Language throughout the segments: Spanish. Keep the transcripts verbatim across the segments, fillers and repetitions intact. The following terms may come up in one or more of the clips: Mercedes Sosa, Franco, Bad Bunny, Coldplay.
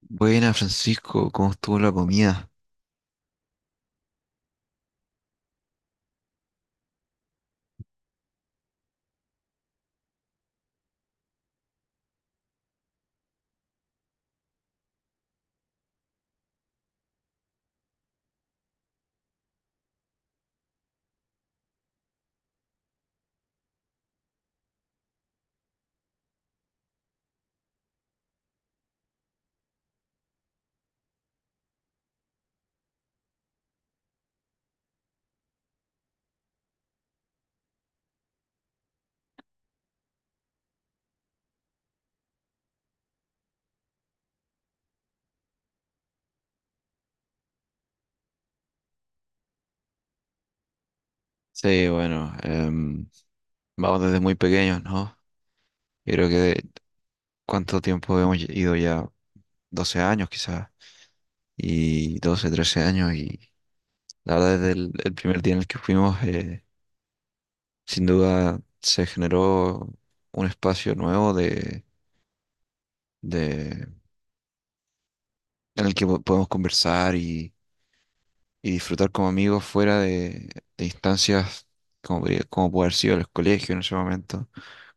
Buena, Francisco, ¿cómo estuvo la comida? Sí, bueno, em, vamos desde muy pequeños, ¿no? Yo creo que de- cuánto tiempo hemos ido ya, doce años quizás, y doce trece años. Y la verdad, desde el, el primer día en el que fuimos, eh, sin duda se generó un espacio nuevo de, de, en el que po- podemos conversar y disfrutar como amigos fuera de, de instancias como, podría- como puede haber sido el colegio en ese momento,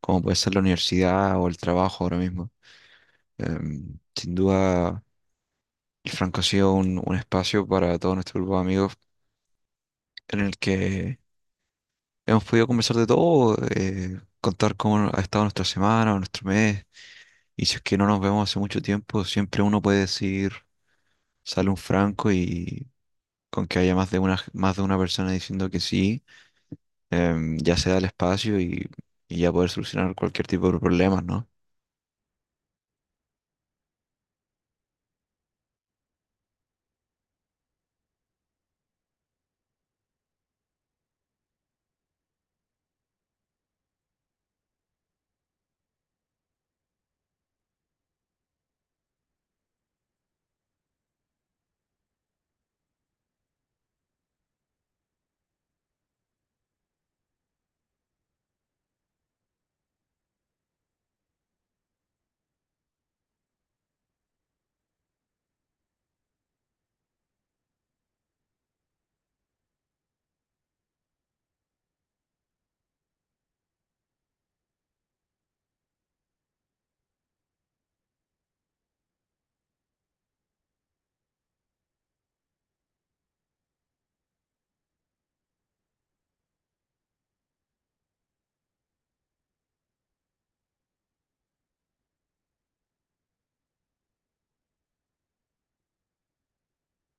como puede ser la universidad o el trabajo ahora mismo. Em, sin duda, el Franco ha sido un, un espacio para todo nuestro grupo de amigos en el que hemos podido conversar de todo, eh, contar cómo ha estado nuestra semana o nuestro mes. Y si es que no nos vemos hace mucho tiempo, siempre uno puede decir, sale un Franco, y con que haya más de una, más de una persona diciendo que sí, em, ya se da el espacio y, y ya poder solucionar cualquier tipo de problemas, ¿no?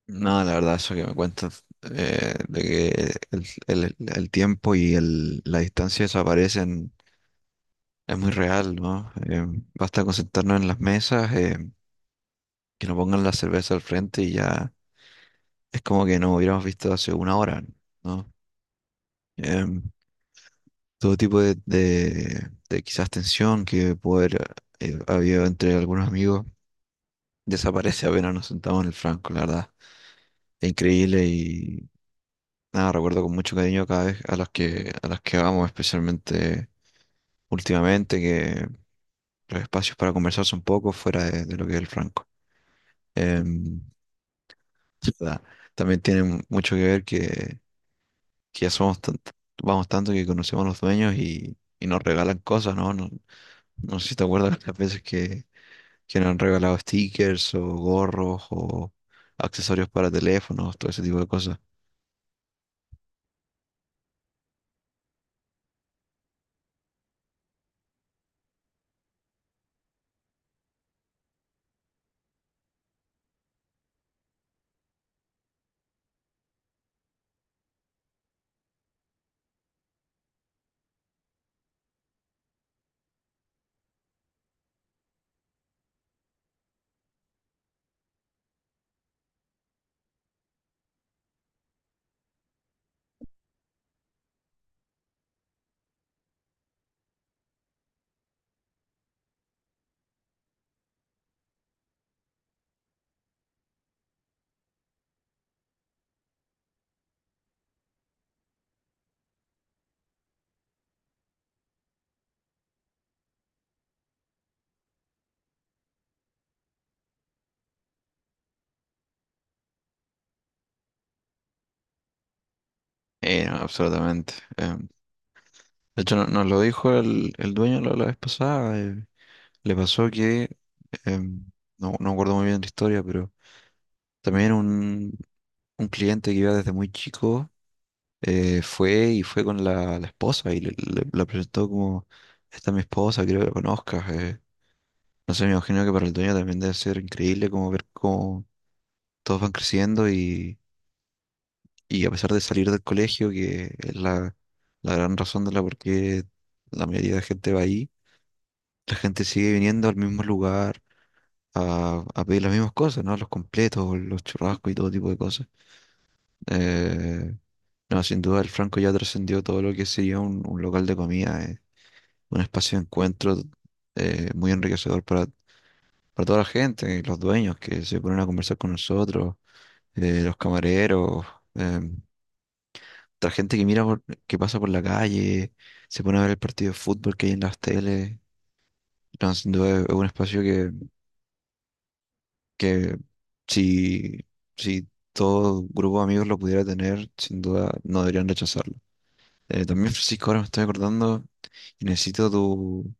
No, la verdad, eso que me cuentas, eh, de que el, el- el tiempo y el- la distancia desaparecen es muy real, ¿no? Eh, basta con sentarnos en las mesas, eh, que nos pongan la cerveza al frente, y ya es como que nos hubiéramos visto hace una hora, ¿no? Em, Todo tipo de, de- de quizás tensión que puede haber eh, habido entre algunos amigos desaparece apenas nos sentamos en el franco, la verdad. Increíble. Y nada, recuerdo con mucho cariño cada vez a las que, a las que vamos, especialmente últimamente, que los espacios para conversar son pocos fuera de, de lo que es el Franco. Em, sí, nada, también tiene mucho que ver que, que ya somos tant- vamos tanto que conocemos a los dueños y, y nos regalan cosas, ¿no? No, no sé si te acuerdas las veces que, que nos han regalado stickers o gorros o accesorios para teléfonos, todo ese tipo de cosas. Eh, no, absolutamente. Em, De hecho, no- nos lo dijo el, el dueño la, la vez pasada. Eh, le pasó que, em, no, no me acuerdo muy bien la historia, pero también un, un cliente que iba desde muy chico, eh, fue y fue con la, la esposa y le, le- la presentó como, esta es mi esposa, quiero que la conozcas. eh". No sé, me imagino que para el dueño también debe ser increíble como ver cómo todos van creciendo y, y a pesar de salir del colegio, que es la, la gran razón de la por qué la mayoría de gente va ahí. La gente sigue viniendo al mismo lugar, a, a pedir las mismas cosas, ¿no? Los completos, los churrascos y todo tipo de cosas. Eh, no, sin duda el Franco ya trascendió todo lo que sería un, un local de comida, eh, un espacio de encuentro eh, muy enriquecedor para, para toda la gente, y los dueños que se ponen a conversar con nosotros, eh, los camareros, em, la gente que mira por- que pasa por la calle, se pone a ver el partido de fútbol que hay en las teles. No, sin duda es un espacio que si, si todo grupo de amigos lo pudiera tener, sin duda no deberían rechazarlo. Eh, también, Francisco, ahora me estoy acordando y necesito tu,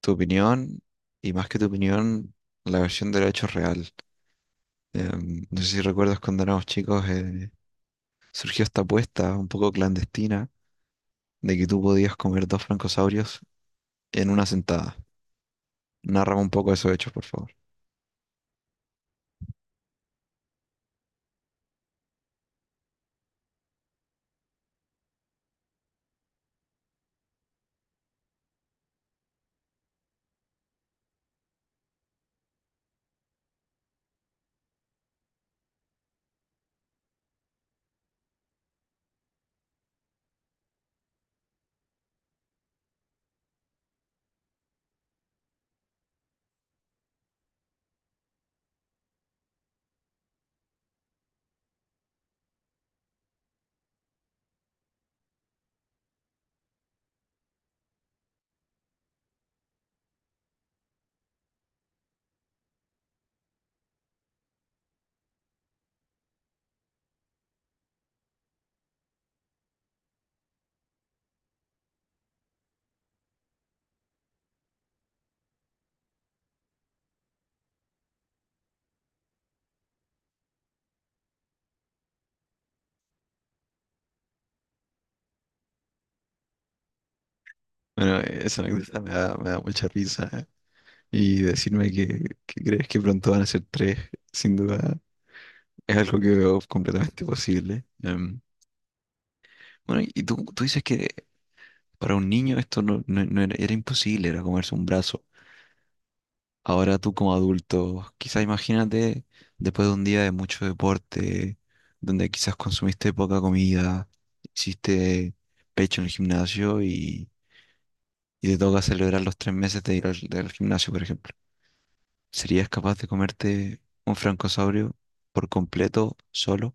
tu opinión, y más que tu opinión, la versión del hecho real. Em, no sé si recuerdas cuando éramos chicos, eh, surgió esta apuesta un poco clandestina de que tú podías comer dos francosaurios en una sentada. Narra un poco esos hechos, por favor. Bueno, esa anécdota me da, me da mucha risa. Y decirme que, que crees que pronto van a ser tres, sin duda, es algo que veo completamente posible. Em, bueno, y tú, tú dices que para un niño esto no, no- no era, era, imposible, era comerse un brazo. Ahora tú como adulto, quizás imagínate después de un día de mucho deporte, donde quizás consumiste poca comida, hiciste pecho en el gimnasio y, y te toca celebrar los tres meses de ir al del gimnasio, por ejemplo. ¿Serías capaz de comerte un francosaurio por completo solo?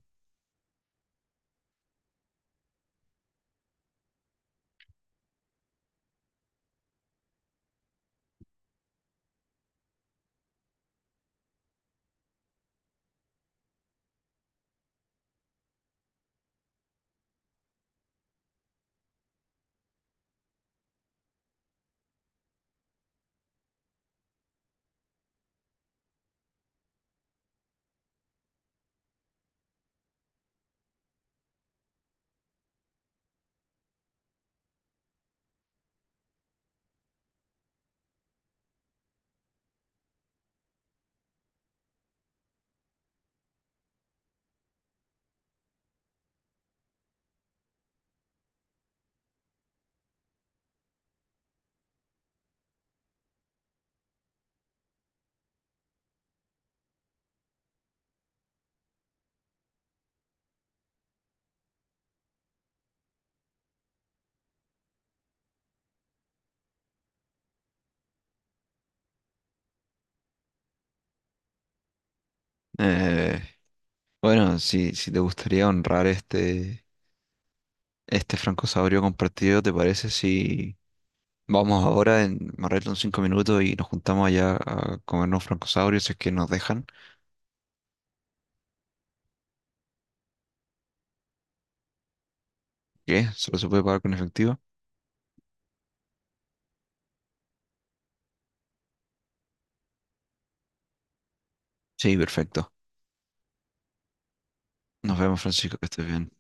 Eh, bueno, si, si te gustaría honrar este, este francosaurio compartido, ¿te parece si vamos ahora, en me arreglo en cinco minutos y nos juntamos allá a comernos francosaurios si es que nos dejan? ¿Qué? ¿Solo se puede pagar con efectivo? Sí, perfecto. Nos vemos, Francisco, que estés bien.